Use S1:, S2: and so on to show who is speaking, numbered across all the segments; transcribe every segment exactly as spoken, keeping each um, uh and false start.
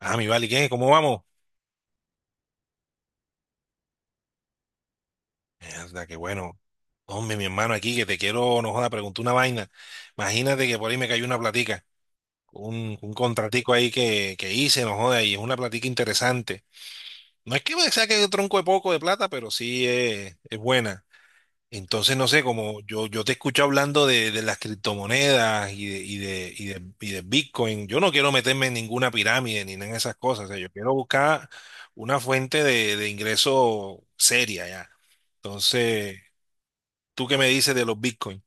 S1: Ah, mi vale. ¿Y qué? ¿Cómo vamos? Mierda, qué bueno. Hombre, mi hermano, aquí que te quiero, no joda, preguntar una vaina. Imagínate que por ahí me cayó una platica, un, un contratico ahí que, que hice, no joda, y es una platica interesante. No es que me saque un tronco de poco de plata, pero sí es, es buena. Entonces, no sé, como yo, yo te escucho hablando de, de las criptomonedas y de, y de, y de, y de Bitcoin, yo no quiero meterme en ninguna pirámide ni nada en esas cosas. O sea, yo quiero buscar una fuente de, de ingreso seria ya. Entonces, ¿tú qué me dices de los Bitcoin?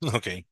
S1: Ok, eh,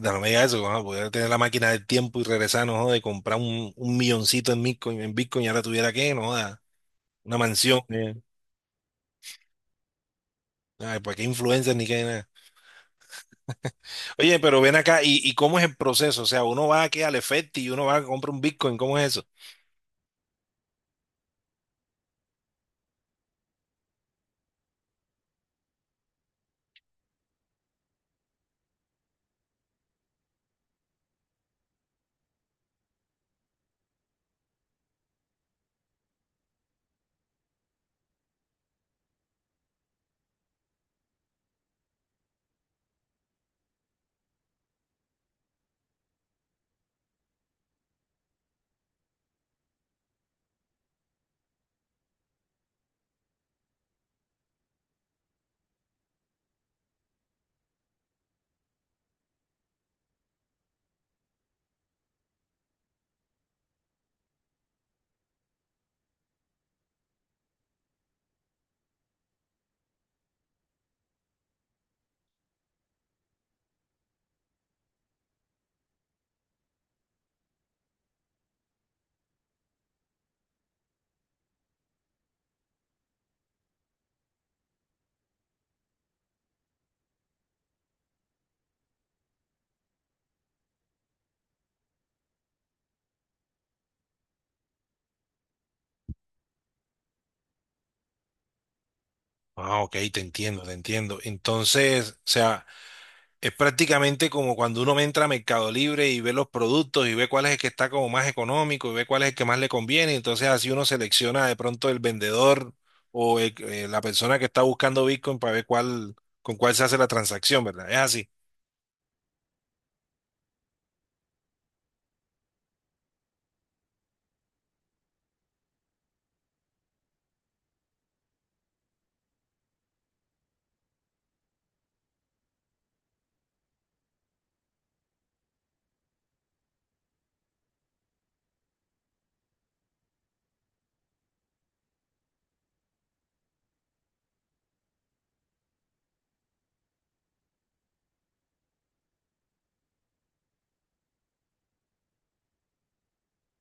S1: no me digas eso, vamos a poder tener la máquina del tiempo y regresar, no joda, de comprar un, un milloncito en Bitcoin, en Bitcoin y ahora tuviera que, no joda, una mansión. eh. Ay, pues qué influencers ni qué nada. Oye, pero ven acá, ¿y, y cómo es el proceso? O sea, uno va aquí al Efecti y uno va a comprar un Bitcoin, ¿cómo es eso? Ah, ok, te entiendo, te entiendo. Entonces, o sea, es prácticamente como cuando uno entra a Mercado Libre y ve los productos y ve cuál es el que está como más económico y ve cuál es el que más le conviene. Entonces, así uno selecciona de pronto el vendedor o el- eh, la persona que está buscando Bitcoin para ver cuál, con cuál se hace la transacción, ¿verdad? Es así.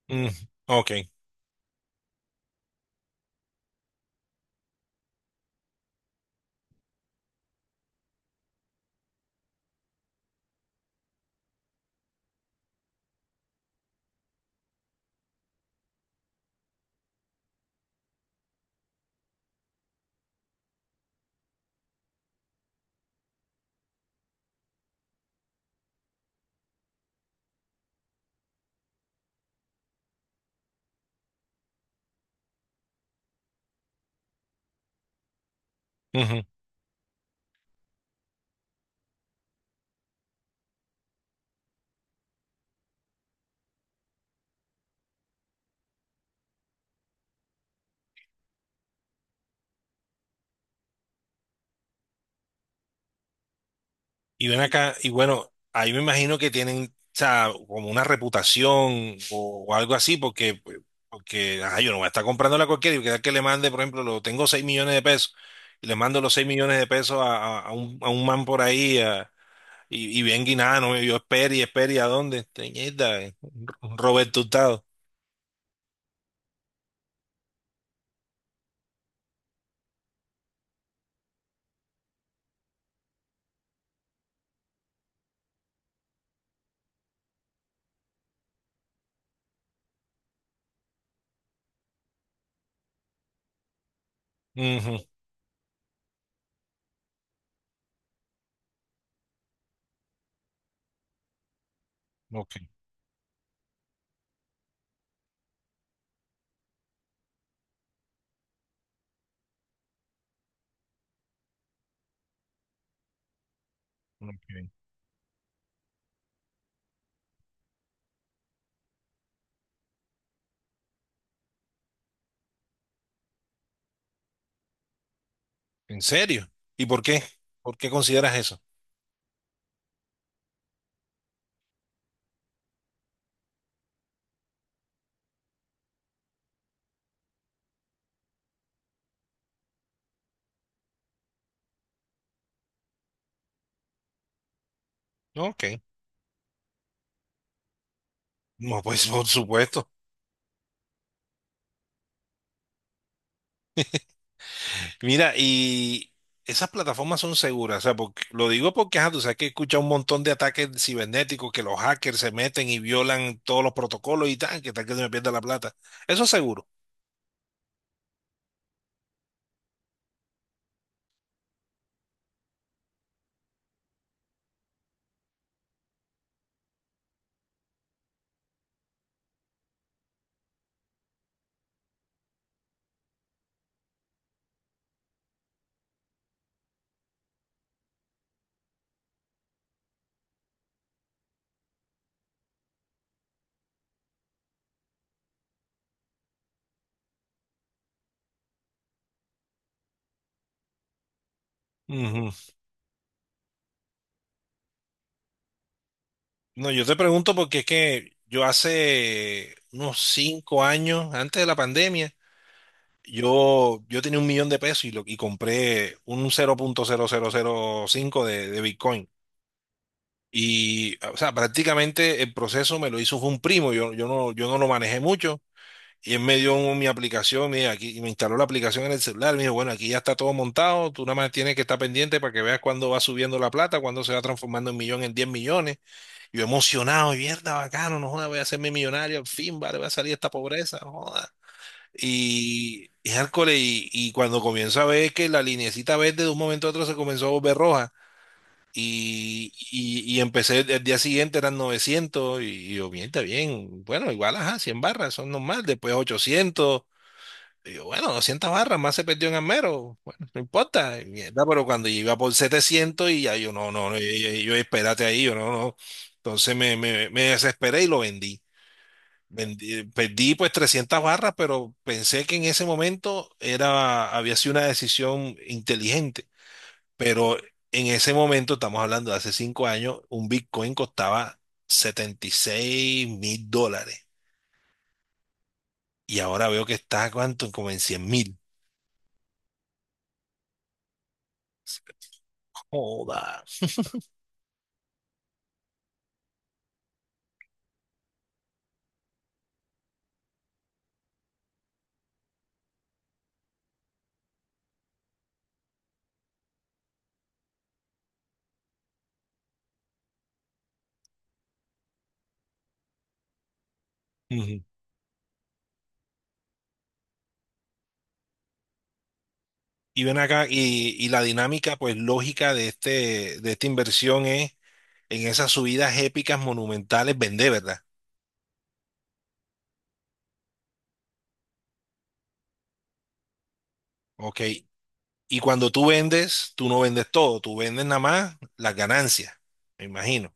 S1: Mm, ok. Y ven acá, y bueno, ahí me imagino que tienen, o sea, como una reputación o, o algo así, porque, porque ajá, yo no voy a estar comprándola a cualquiera y que tal que le mande, por ejemplo, lo tengo seis millones de pesos, y le mando los seis millones de pesos a, a- a un, a un man por ahí, a- y, y bien guinano, y yo espere y espere, ¿y a dónde? Teñida, eh, Roberto Hurtado. Ujú, ok, ok. ¿En serio? ¿Y por qué? ¿Por qué consideras eso? Ok. No, pues por supuesto. Mira, y esas plataformas son seguras, o sea, porque, lo digo porque, ajá, tú sabes que escucha un montón de ataques cibernéticos que los hackers se meten y violan todos los protocolos y tal, que tal que se me pierda la plata. Eso es seguro. Ujú. No, yo te pregunto porque es que yo hace unos cinco años, antes de la pandemia, yo, yo tenía un millón de pesos y, lo, y compré un cero punto cero cero cero cinco de, de Bitcoin. Y, o sea, prácticamente el proceso me lo hizo fue un primo, yo, yo no, yo no lo manejé mucho. Y él me dio un- mi aplicación, mira, aquí, y me instaló la aplicación en el celular. Me dijo, bueno, aquí ya está todo montado, tú nada más tienes que estar pendiente para que veas cuándo va subiendo la plata, cuándo se va transformando en millón, en diez millones. Yo emocionado, mierda, bacano, no joda, voy a hacerme millonario, al fin, vale, voy a salir de esta pobreza, no joda. Y, y, hardcore, y, y cuando comienzo a ver que la linecita verde de un momento a otro se comenzó a volver roja. Y, y, y empecé el día siguiente, eran novecientos y, y yo, bien, está bien. Bueno, igual, ajá, cien barras, son normal. Después ochocientos y yo, bueno, doscientas barras, más se perdió en Amero. Bueno, no importa. Y mierda, pero cuando iba por setecientos y ya yo, no, no, no, y- y- yo, espérate ahí, yo, no, no. Entonces me, me, me desesperé y lo vendí. Vendí- Perdí pues trescientas barras, pero pensé que en ese momento era, había sido una decisión inteligente. Pero en ese momento, estamos hablando de hace cinco años, un Bitcoin costaba setenta y seis mil dólares. Y ahora veo que está, ¿cuánto? Como en cien mil. Joda. Y ven acá, y, y la dinámica pues lógica de este, de esta inversión es en esas subidas épicas monumentales vender, ¿verdad? Ok. Y cuando tú vendes, tú no vendes todo, tú vendes nada más las ganancias, me imagino.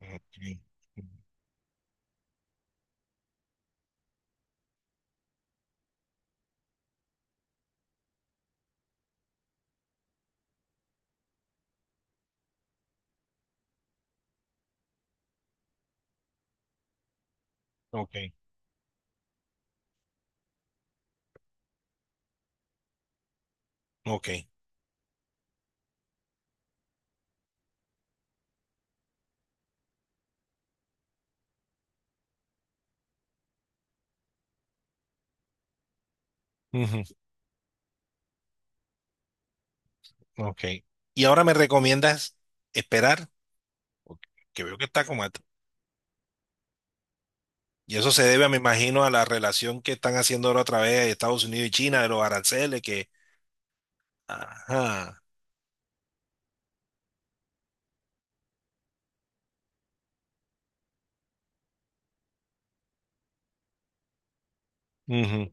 S1: Ok, ok, ok. Ujú, ok. Y ahora me recomiendas esperar. Ok, que veo que está como... at- Y eso se debe, me imagino, a la relación que están haciendo ahora otra vez Estados Unidos y China, de los aranceles, que... Ajá. Ujú,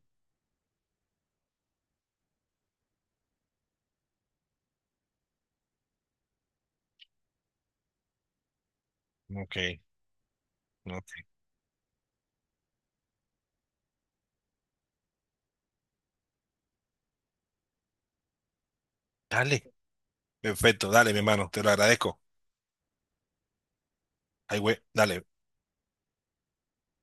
S1: ok. Ok, dale, perfecto, dale, mi hermano, te lo agradezco. Ay, güey, dale.